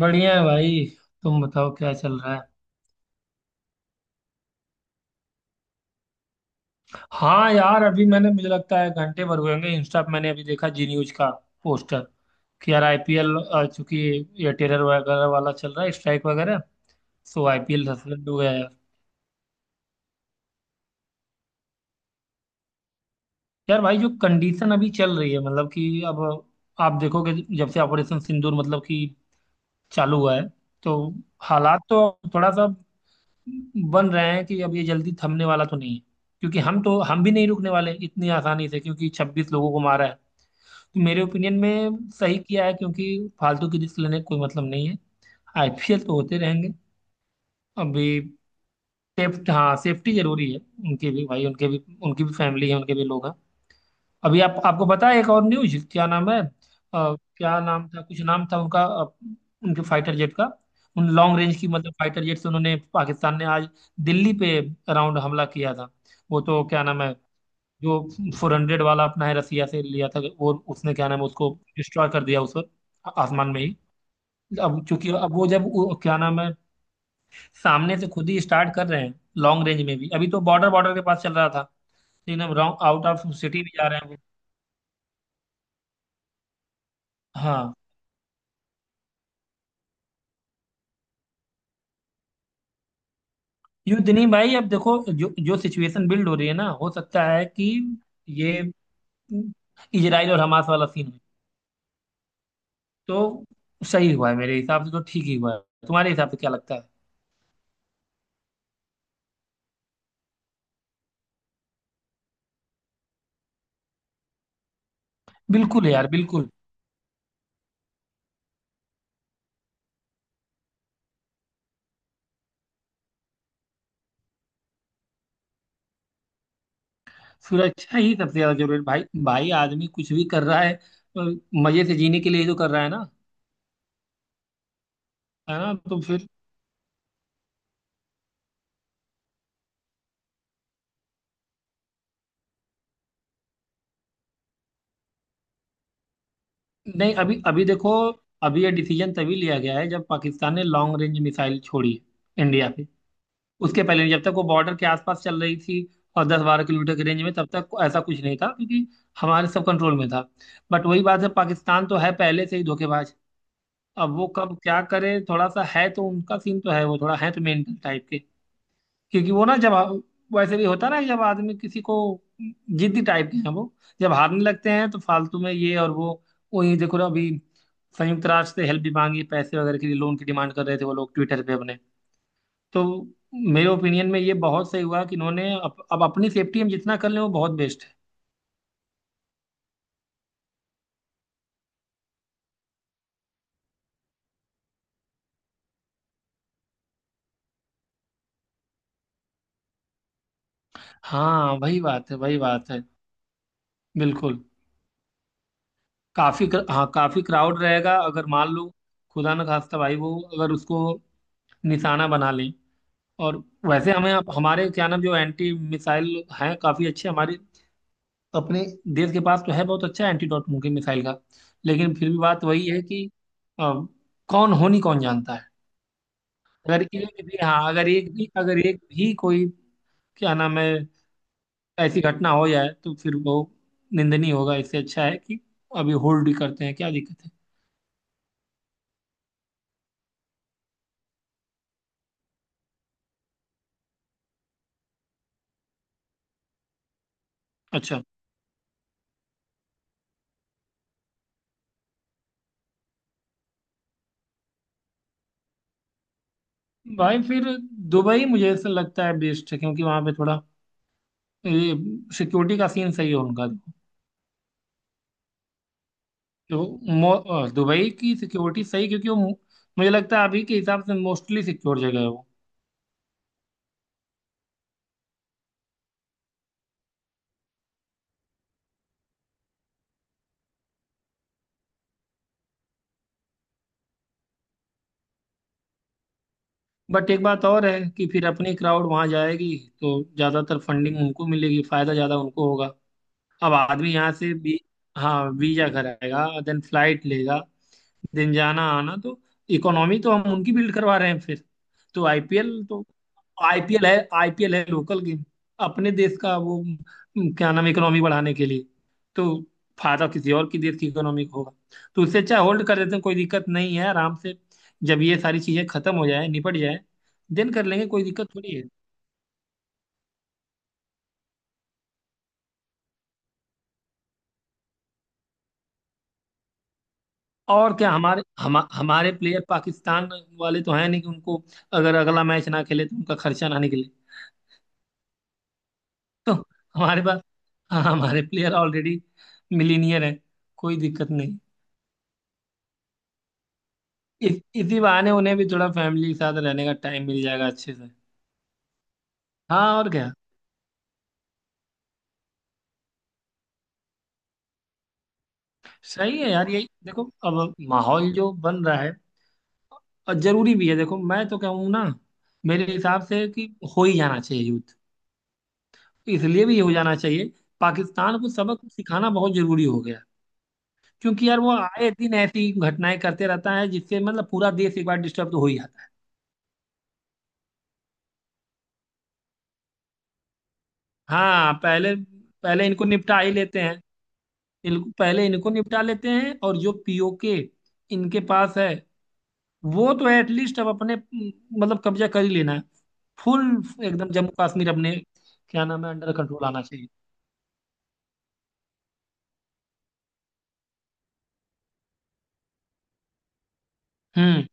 बढ़िया है भाई। तुम बताओ क्या चल रहा है? हाँ यार, अभी मैंने, मुझे लगता है घंटे भर हुए होंगे। इंस्टा पे मैंने अभी देखा जी न्यूज का पोस्टर कि यार आईपीएल, चूंकि ये टेरर वगैरह वाला चल रहा है, स्ट्राइक वगैरह, सो आईपीएल सस्पेंड हो गया यार। यार भाई, जो कंडीशन अभी चल रही है, मतलब कि अब आप देखोगे, जब से ऑपरेशन सिंदूर मतलब कि चालू हुआ है, तो हालात तो थोड़ा सा बन रहे हैं कि अब ये जल्दी थमने वाला तो नहीं है। क्योंकि हम भी नहीं रुकने वाले इतनी आसानी से, क्योंकि 26 लोगों को मारा। मेरे ओपिनियन में सही किया है, क्योंकि फालतू की रिस्क लेने का कोई मतलब नहीं है। आईपीएल तो होते रहेंगे अभी। सेफ्ट हाँ, सेफ्टी जरूरी है उनके भी, भाई उनके भी। उनकी भी फैमिली है, उनके भी लोग हैं। अभी आप, आपको पता है एक और न्यूज, क्या नाम है क्या नाम था, कुछ नाम था उनका उनके फाइटर जेट का। उन लॉन्ग रेंज की मतलब फाइटर जेट से, उन्होंने पाकिस्तान ने आज दिल्ली पे अराउंड हमला किया था। वो तो क्या नाम है जो 400 वाला अपना है, रसिया से लिया था वो, उसने क्या नाम है, उसको डिस्ट्रॉय कर दिया उस पर, आसमान में ही। अब क्योंकि अब वो, जब वो क्या नाम है, सामने से खुद ही स्टार्ट कर रहे हैं लॉन्ग रेंज में भी। अभी तो बॉर्डर बॉर्डर के पास चल रहा था, लेकिन अब राउंड आउट ऑफ सिटी भी जा रहे हैं वो। हाँ, युद्ध नहीं भाई, अब देखो जो जो सिचुएशन बिल्ड हो रही है ना, हो सकता है कि ये इजराइल और हमास वाला सीन हो। तो सही हुआ है मेरे हिसाब से, तो ठीक ही हुआ है। तुम्हारे हिसाब से क्या लगता है? बिल्कुल यार, बिल्कुल। सुरक्षा ही सबसे ज्यादा जरूरी है भाई। भाई, आदमी कुछ भी कर रहा है, अ, मजे से जीने के लिए ही तो कर रहा है ना। है ना, तो फिर नहीं। अभी अभी देखो, अभी ये डिसीजन तभी लिया गया है, जब पाकिस्तान ने लॉन्ग रेंज मिसाइल छोड़ी है इंडिया पे। उसके पहले जब तक वो बॉर्डर के आसपास चल रही थी और 10-12 किलोमीटर की रेंज में, तब तक ऐसा कुछ नहीं था, क्योंकि हमारे सब कंट्रोल में था। बट वही बात है, पाकिस्तान तो है पहले से ही धोखेबाज। अब वो कब क्या करे, थोड़ा सा है तो उनका सीन, तो है वो थोड़ा, है तो मेंटल टाइप के। क्योंकि वो ना, जब वैसे भी होता ना, जब आदमी किसी को, जिद्दी टाइप के हैं वो, जब हारने लगते हैं तो फालतू में ये और वो। वही देखो ना, अभी संयुक्त राष्ट्र से हेल्प भी मांगी, पैसे वगैरह के लिए लोन की डिमांड कर रहे थे वो लोग ट्विटर पे अपने। तो मेरे ओपिनियन में ये बहुत सही हुआ कि इन्होंने अब अपनी सेफ्टी हम जितना कर लें, वो बहुत बेस्ट है। हाँ वही बात है, वही बात है। बिल्कुल। हाँ, काफी क्राउड रहेगा, अगर मान लो खुदा न खास्ता भाई, वो अगर उसको निशाना बना ले, और वैसे हमें, आप हमारे क्या नाम, जो एंटी मिसाइल हैं काफ़ी अच्छे हमारे अपने देश के पास, तो है बहुत अच्छा एंटीडोट उनके मिसाइल का, लेकिन फिर भी बात वही है कि अ, कौन होनी कौन जानता है। अगर एक भी, हाँ अगर एक भी, अगर एक भी कोई, क्या नाम है, ऐसी घटना हो जाए तो फिर वो निंदनीय होगा। इससे अच्छा है कि अभी होल्ड ही करते हैं, क्या दिक्कत है। अच्छा, भाई फिर दुबई, मुझे ऐसा लगता है बेस्ट है, क्योंकि वहाँ पे थोड़ा सिक्योरिटी का सीन सही है उनका तो। तो दुबई की सिक्योरिटी सही, क्योंकि वो मुझे लगता है अभी के हिसाब से मोस्टली सिक्योर जगह है वो। बट एक बात और है कि फिर अपनी क्राउड वहां जाएगी, तो ज्यादातर फंडिंग उनको मिलेगी, फायदा ज्यादा उनको होगा। अब आदमी यहाँ से भी, हाँ, वीजा कराएगा, देन फ्लाइट लेगा, दिन जाना आना, तो इकोनॉमी तो हम उनकी बिल्ड करवा रहे हैं फिर। तो आईपीएल तो, आईपीएल है, आईपीएल है लोकल गेम अपने देश का वो, क्या नाम, इकोनॉमी बढ़ाने के लिए। तो फायदा किसी और की देश की इकोनॉमी को होगा, तो उससे अच्छा होल्ड कर देते हैं। कोई दिक्कत नहीं है, आराम से, जब ये सारी चीजें खत्म हो जाए, निपट जाए, देन कर लेंगे। कोई दिक्कत थोड़ी है। और क्या, हमारे प्लेयर पाकिस्तान वाले तो हैं नहीं कि उनको अगर अगला मैच ना खेले तो उनका खर्चा ना निकले। तो हमारे पास, हाँ हमारे प्लेयर ऑलरेडी मिलीनियर हैं, कोई दिक्कत नहीं। इसी बहाने उन्हें भी थोड़ा फैमिली के साथ रहने का टाइम मिल जाएगा अच्छे से। हाँ, और क्या। सही है यार, यही देखो अब माहौल जो बन रहा है। और जरूरी भी है, देखो मैं तो कहूँ ना मेरे हिसाब से कि हो ही जाना चाहिए युद्ध। इसलिए भी हो जाना चाहिए, पाकिस्तान को सबक सिखाना बहुत जरूरी हो गया। क्योंकि यार वो आए दिन ऐसी घटनाएं करते रहता है, जिससे मतलब पूरा देश एक बार डिस्टर्ब तो हो ही जाता है। हाँ पहले, पहले इनको निपटा ही लेते हैं। इनको पहले, इनको निपटा लेते हैं। और जो पीओके इनके पास है, वो तो एटलीस्ट अब अपने मतलब कब्जा कर ही लेना है, फुल, एकदम। जम्मू कश्मीर अपने क्या नाम है, अंडर कंट्रोल आना चाहिए। हम्म।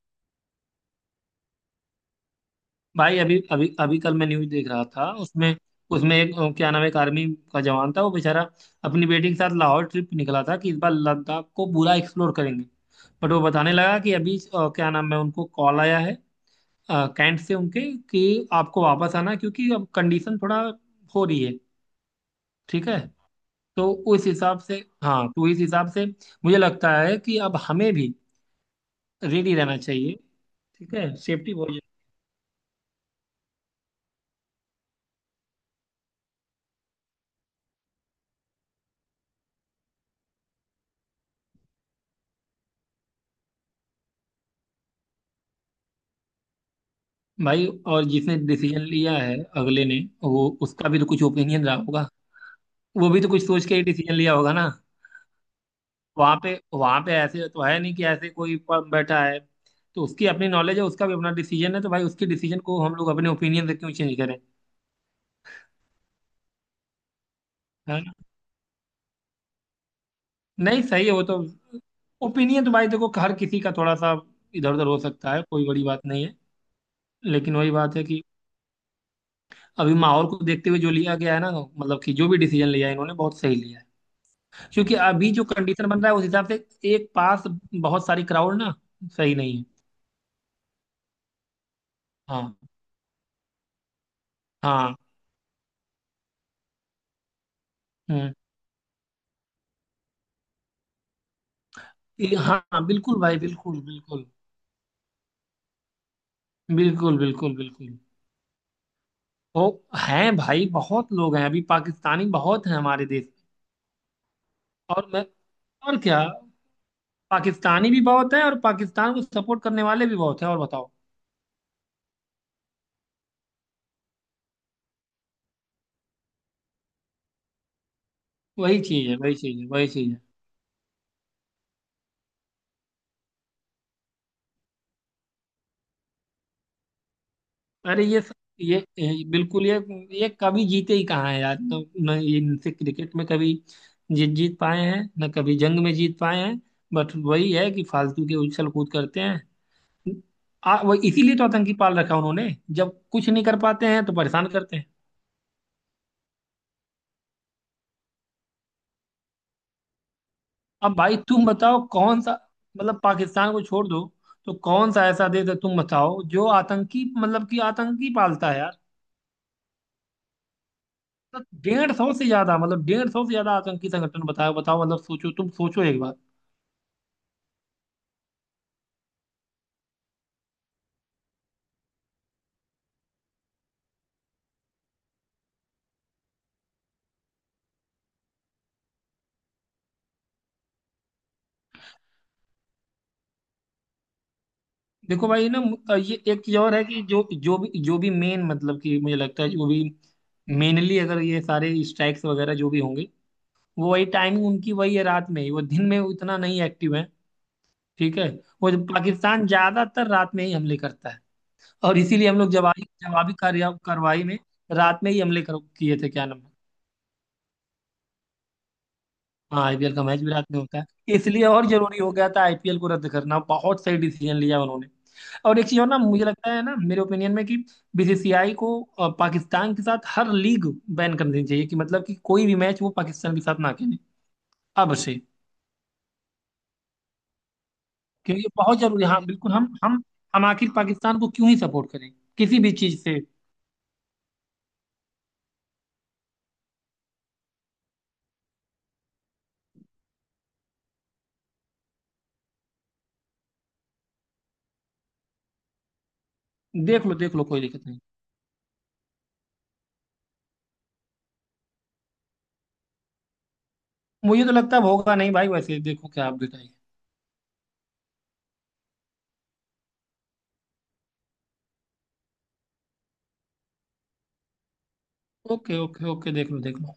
भाई अभी, अभी अभी कल मैं न्यूज देख रहा था उसमें, उसमें एक क्या नाम है, एक आर्मी का जवान था। वो बेचारा अपनी बेटी के साथ लाहौर ट्रिप पे निकला था कि इस बार लद्दाख को पूरा एक्सप्लोर करेंगे। बट वो बताने लगा कि अभी क्या नाम है, उनको कॉल आया है कैंट से उनके, कि आपको वापस आना है, क्योंकि अब कंडीशन थोड़ा हो रही है ठीक है। तो उस हिसाब से, हाँ तो इस हिसाब से मुझे लगता है कि अब हमें भी रेडी रहना चाहिए। ठीक है, सेफ्टी बहुत। भाई और जिसने डिसीजन लिया है अगले ने, वो, उसका भी तो कुछ ओपिनियन रहा होगा। वो भी तो कुछ सोच के ही डिसीजन लिया होगा ना। वहां पे ऐसे तो है नहीं कि ऐसे कोई बैठा है। तो उसकी अपनी नॉलेज है, उसका भी अपना डिसीजन है, तो भाई उसके डिसीजन को हम लोग अपने ओपिनियन से क्यों चेंज करें, है? नहीं सही है वो तो। ओपिनियन तो भाई देखो हर किसी का थोड़ा सा इधर उधर हो सकता है, कोई बड़ी बात नहीं है। लेकिन वही बात है कि अभी माहौल को देखते हुए जो लिया गया है ना, मतलब कि जो भी डिसीजन लिया है इन्होंने, बहुत सही लिया है। क्योंकि अभी जो कंडीशन बन रहा है उस हिसाब से, एक पास बहुत सारी क्राउड ना, सही नहीं है। हाँ। हाँ। हम्म। ये, हाँ बिल्कुल भाई, बिल्कुल बिल्कुल। बिल्कुल बिल्कुल बिल्कुल। ओ, हैं भाई बहुत लोग हैं, अभी पाकिस्तानी बहुत हैं हमारे देश में। और मैं, और क्या, पाकिस्तानी भी बहुत है और पाकिस्तान को सपोर्ट करने वाले भी बहुत है। और बताओ, वही चीज है, वही चीज है, वही चीज है। अरे ये सब, ये बिल्कुल, ये कभी जीते ही कहाँ है यार। न ये, इनसे क्रिकेट में कभी जीत जीत पाए हैं, न कभी जंग में जीत पाए हैं। बट वही है कि फालतू के उछल कूद करते हैं। वो इसीलिए तो आतंकी पाल रखा उन्होंने। जब कुछ नहीं कर पाते हैं तो परेशान करते हैं। अब भाई तुम बताओ, कौन सा, मतलब पाकिस्तान को छोड़ दो, तो कौन सा ऐसा देश है तुम बताओ जो आतंकी, मतलब कि आतंकी पालता है यार। मतलब 150 से ज्यादा, मतलब 150 से ज्यादा आतंकी संगठन, बताओ बताओ, मतलब सोचो, तुम सोचो एक बार। देखो भाई ना, ये एक चीज और है कि जो जो भी मेन, मतलब कि मुझे लगता है जो भी मेनली, अगर ये सारे स्ट्राइक्स वगैरह जो भी होंगे, वो वही, टाइमिंग उनकी वही है, रात में ही। वो दिन में उतना नहीं एक्टिव है, ठीक है? वो पाकिस्तान ज्यादातर रात में ही हमले करता है। और इसीलिए हम लोग जवाबी, जवाबी कार्य कार्रवाई में रात में ही हमले किए थे, क्या नाम है। हाँ, आईपीएल का मैच भी रात में होता है, इसलिए और जरूरी हो गया था आईपीएल को रद्द करना। बहुत सही डिसीजन लिया उन्होंने। और एक चीज और ना, मुझे लगता है ना, मेरे ओपिनियन में कि बीसीसीआई को पाकिस्तान के साथ हर लीग बैन कर देनी चाहिए। कि मतलब कि कोई भी मैच वो पाकिस्तान के साथ ना खेले अब से। क्योंकि ये बहुत जरूरी है। हाँ बिल्कुल, हम आखिर पाकिस्तान को क्यों ही सपोर्ट करें, किसी भी चीज से। देख लो, देख लो, कोई दिक्कत नहीं। मुझे तो लगता है अब होगा नहीं भाई, वैसे देखो, क्या आप बताइए। ओके ओके ओके, देख लो देख लो।